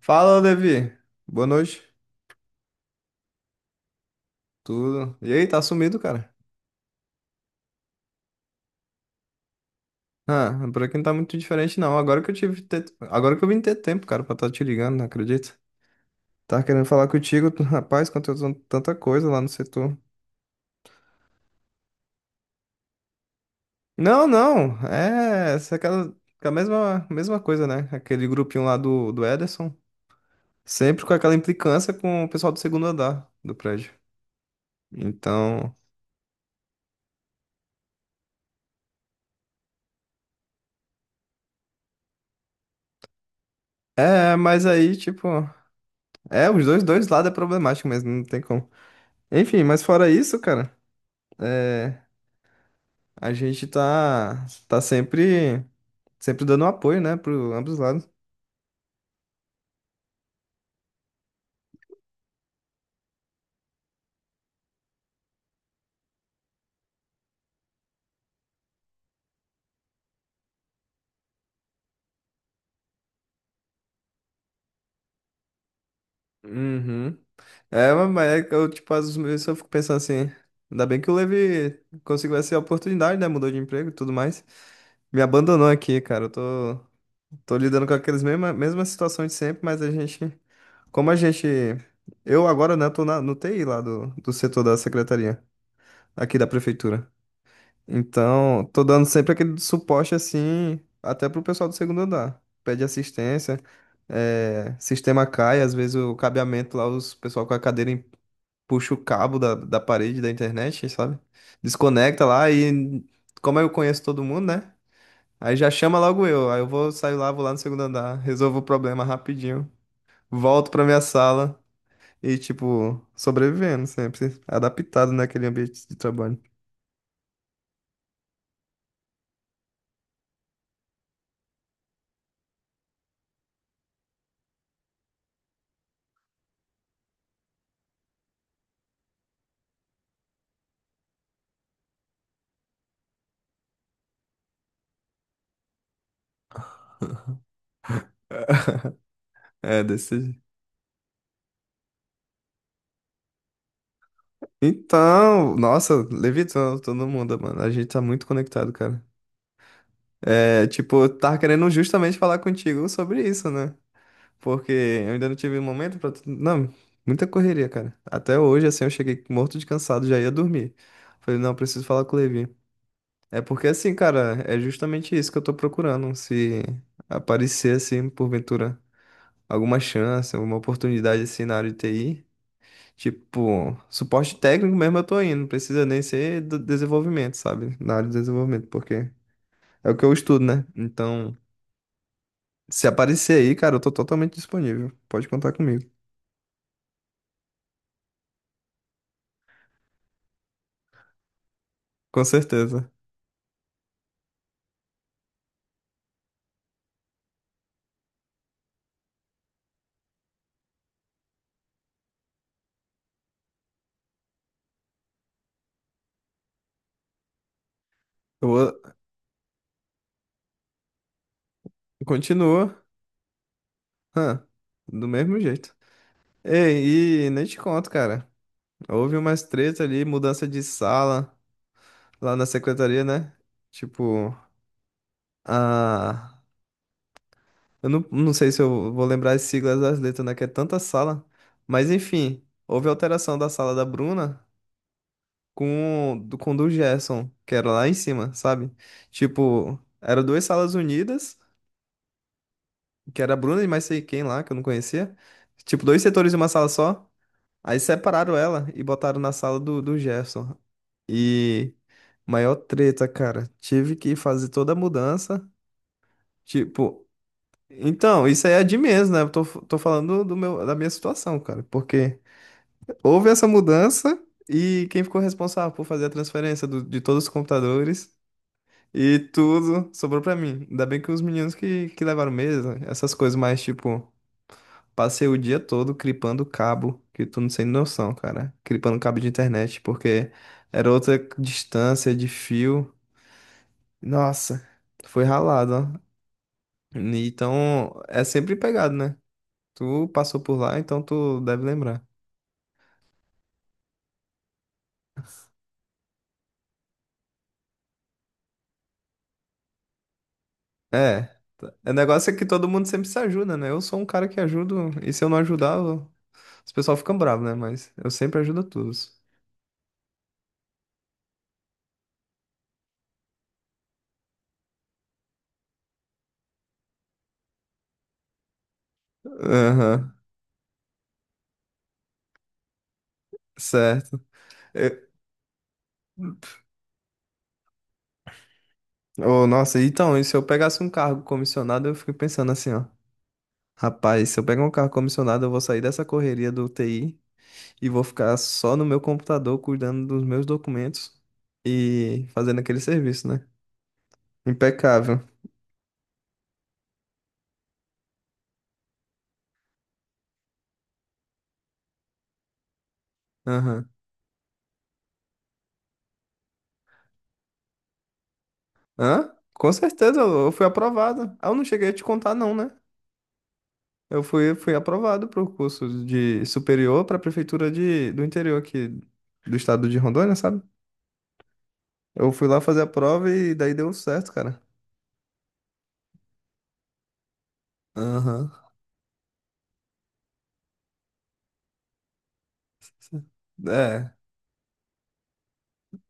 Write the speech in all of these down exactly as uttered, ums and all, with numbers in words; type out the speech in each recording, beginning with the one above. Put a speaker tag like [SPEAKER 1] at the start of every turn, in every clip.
[SPEAKER 1] Fala, Levi. Boa noite. Tudo. E aí, tá sumido, cara? Ah, por aqui não tá muito diferente, não. Agora que eu tive. te- Agora que eu vim ter tempo, cara, pra estar te ligando, não acredito. Tava querendo falar contigo, tu- rapaz, aconteceu tanta coisa lá no setor. Não, não. É. essa é aquela. A mesma, mesma coisa, né? Aquele grupinho lá do, do Ederson. Sempre com aquela implicância com o pessoal do segundo andar do prédio. Então. É, mas aí, tipo. É, os dois, dois lados é problemático mesmo, não tem como. Enfim, mas fora isso, cara. É, a gente tá, tá sempre, sempre dando apoio, né, para ambos os lados. Uhum. É, mas mas é que eu, tipo, às vezes eu fico pensando assim, ainda bem que o Levi conseguiu essa oportunidade, né? Mudou de emprego e tudo mais. Me abandonou aqui, cara. Eu tô, tô lidando com aquelas mesmas, mesmas situações de sempre, mas a gente. Como a gente. Eu agora, né, tô na, no T I lá do, do setor da secretaria, aqui da prefeitura. Então, tô dando sempre aquele suporte assim, até pro pessoal do segundo andar. Pede assistência, eh, sistema cai, às vezes o cabeamento lá, os pessoal com a cadeira em- puxa o cabo da, da parede da internet, sabe? Desconecta lá e, como eu conheço todo mundo, né? Aí já chama logo eu. Aí eu vou sair lá, vou lá no segundo andar, resolvo o problema rapidinho, volto pra minha sala e, tipo, sobrevivendo sempre, adaptado naquele ambiente de trabalho. É, desse Então, nossa, levitando todo mundo, mano. A gente tá muito conectado, cara. É, tipo, eu tava querendo justamente falar contigo sobre isso, né? Porque eu ainda não tive um momento pra. Não, muita correria, cara. Até hoje, assim, eu cheguei morto de cansado, já ia dormir. Falei, não, eu preciso falar com o Levi. É porque, assim, cara, é justamente isso que eu tô procurando. Se aparecer, assim, porventura, alguma chance, alguma oportunidade, assim, na área de T I. Tipo, suporte técnico mesmo eu tô indo, não precisa nem ser do desenvolvimento, sabe? Na área de desenvolvimento, porque é o que eu estudo, né? Então, se aparecer aí, cara, eu tô totalmente disponível. Pode contar comigo. Com certeza. Eu vou... Continua, hã, do mesmo jeito. Ei, e nem te conto, cara. Houve umas treta ali, mudança de sala lá na secretaria, né? Tipo, a Eu não, não sei se eu vou lembrar as siglas das letras, né? Que é tanta sala. Mas enfim, houve alteração da sala da Bruna com, do- com do Gerson, que era lá em cima, sabe? Tipo, eram duas salas unidas, que era a Bruna e mais sei quem lá, que eu não conhecia. Tipo, dois setores de uma sala só. Aí separaram ela e botaram na sala do, do Gerson. E maior treta, cara. Tive que fazer toda a mudança. Tipo, Então, isso aí é de menos, né? Eu tô, tô falando do meu, da minha situação, cara. Porque houve essa mudança e quem ficou responsável por fazer a transferência do- de todos os computadores e tudo sobrou pra mim. Ainda bem que os meninos que, que levaram mesa, essas coisas mais, tipo, passei o dia todo clipando cabo, que tu não tem noção, cara. Clipando cabo de internet, porque era outra distância de fio. Nossa, foi ralado, ó. Então, é sempre pegado, né? Tu passou por lá, então tu deve lembrar. É. tá. O negócio é que todo mundo sempre se ajuda, né? Eu sou um cara que ajudo, e se eu não ajudar, eu- os pessoal ficam bravos, né? Mas eu sempre ajudo todos. Aham, certo. Eu- Ô, nossa, então, e se eu pegasse um cargo comissionado, eu fico pensando assim, ó. Rapaz, se eu pegar um cargo comissionado, eu vou sair dessa correria do T I e vou ficar só no meu computador cuidando dos meus documentos e fazendo aquele serviço, né? Impecável. Aham. Hã? Com certeza, eu eu fui aprovado. Ah, eu não cheguei a te contar, não, né? Eu fui, fui aprovado para o curso de superior para a prefeitura de, do interior aqui do estado de Rondônia, sabe? Eu fui lá fazer a prova e daí deu certo, cara. Aham. É.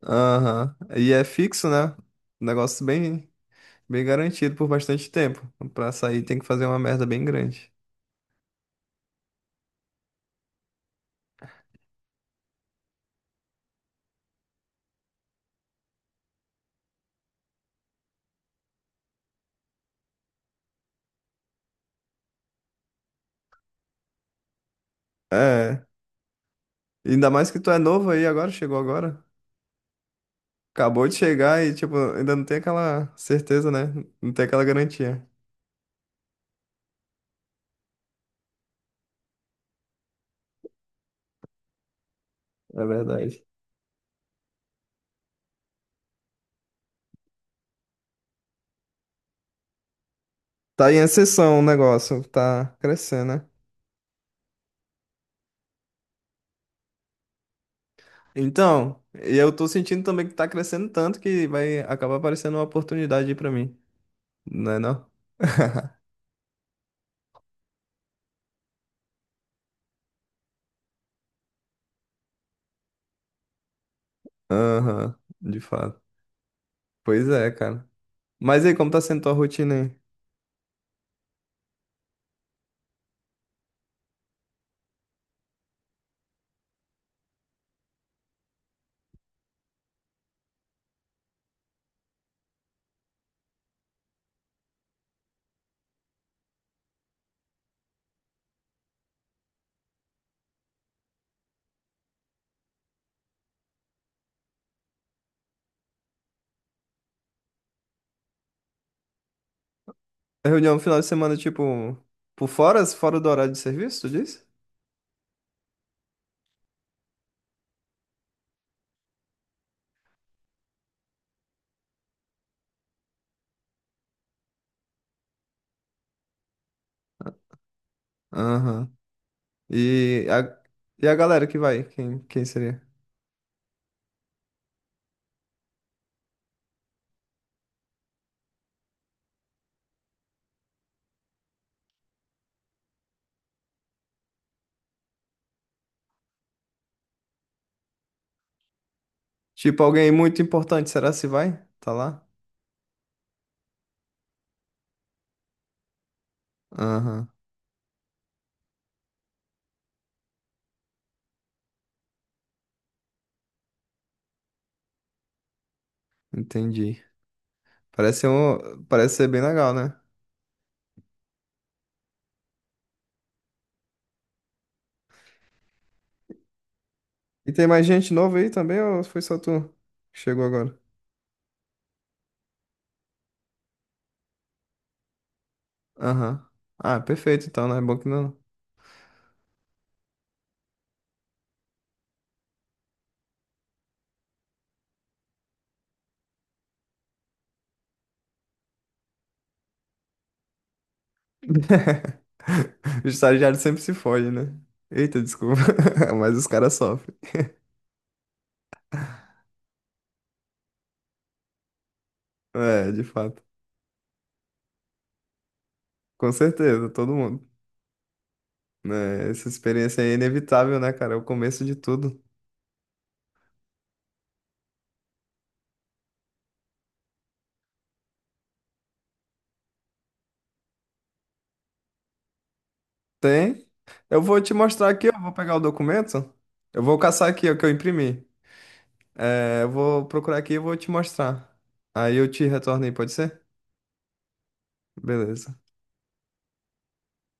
[SPEAKER 1] Aham. E é fixo, né? Um negócio bem, bem garantido por bastante tempo. Pra sair tem que fazer uma merda bem grande. É. Ainda mais que tu é novo aí agora, chegou agora. Acabou de chegar e, tipo, ainda não tem aquela certeza, né? Não tem aquela garantia. É verdade. Tá em ascensão o negócio, tá crescendo, né? Então, e eu tô sentindo também que tá crescendo tanto que vai acabar aparecendo uma oportunidade aí pra mim, não é não? Aham, de fato. Pois é, cara. Mas e aí, como tá sendo tua rotina aí? É Reunião no final de semana, tipo, por fora, fora do horário de serviço, tu disse? Aham. E a, e a galera que vai? Quem, quem seria? Tipo, alguém muito importante, será se vai? Tá lá? Aham, entendi. Parece um, parece ser bem legal, né? E tem mais gente nova aí também, ou foi só tu que chegou agora? Aham. Ah, perfeito, então, né? Bom que não. O estagiário sempre se foge, né? Eita, desculpa. Mas os caras sofrem. É, de fato. Com certeza, todo mundo. Né? Essa experiência aí é inevitável, né, cara? É o começo de tudo. Tem. Eu vou te mostrar aqui, eu vou pegar o documento. Eu vou caçar aqui o que eu imprimi. É, eu vou procurar aqui e vou te mostrar. Aí eu te retorno aí, pode ser? Beleza.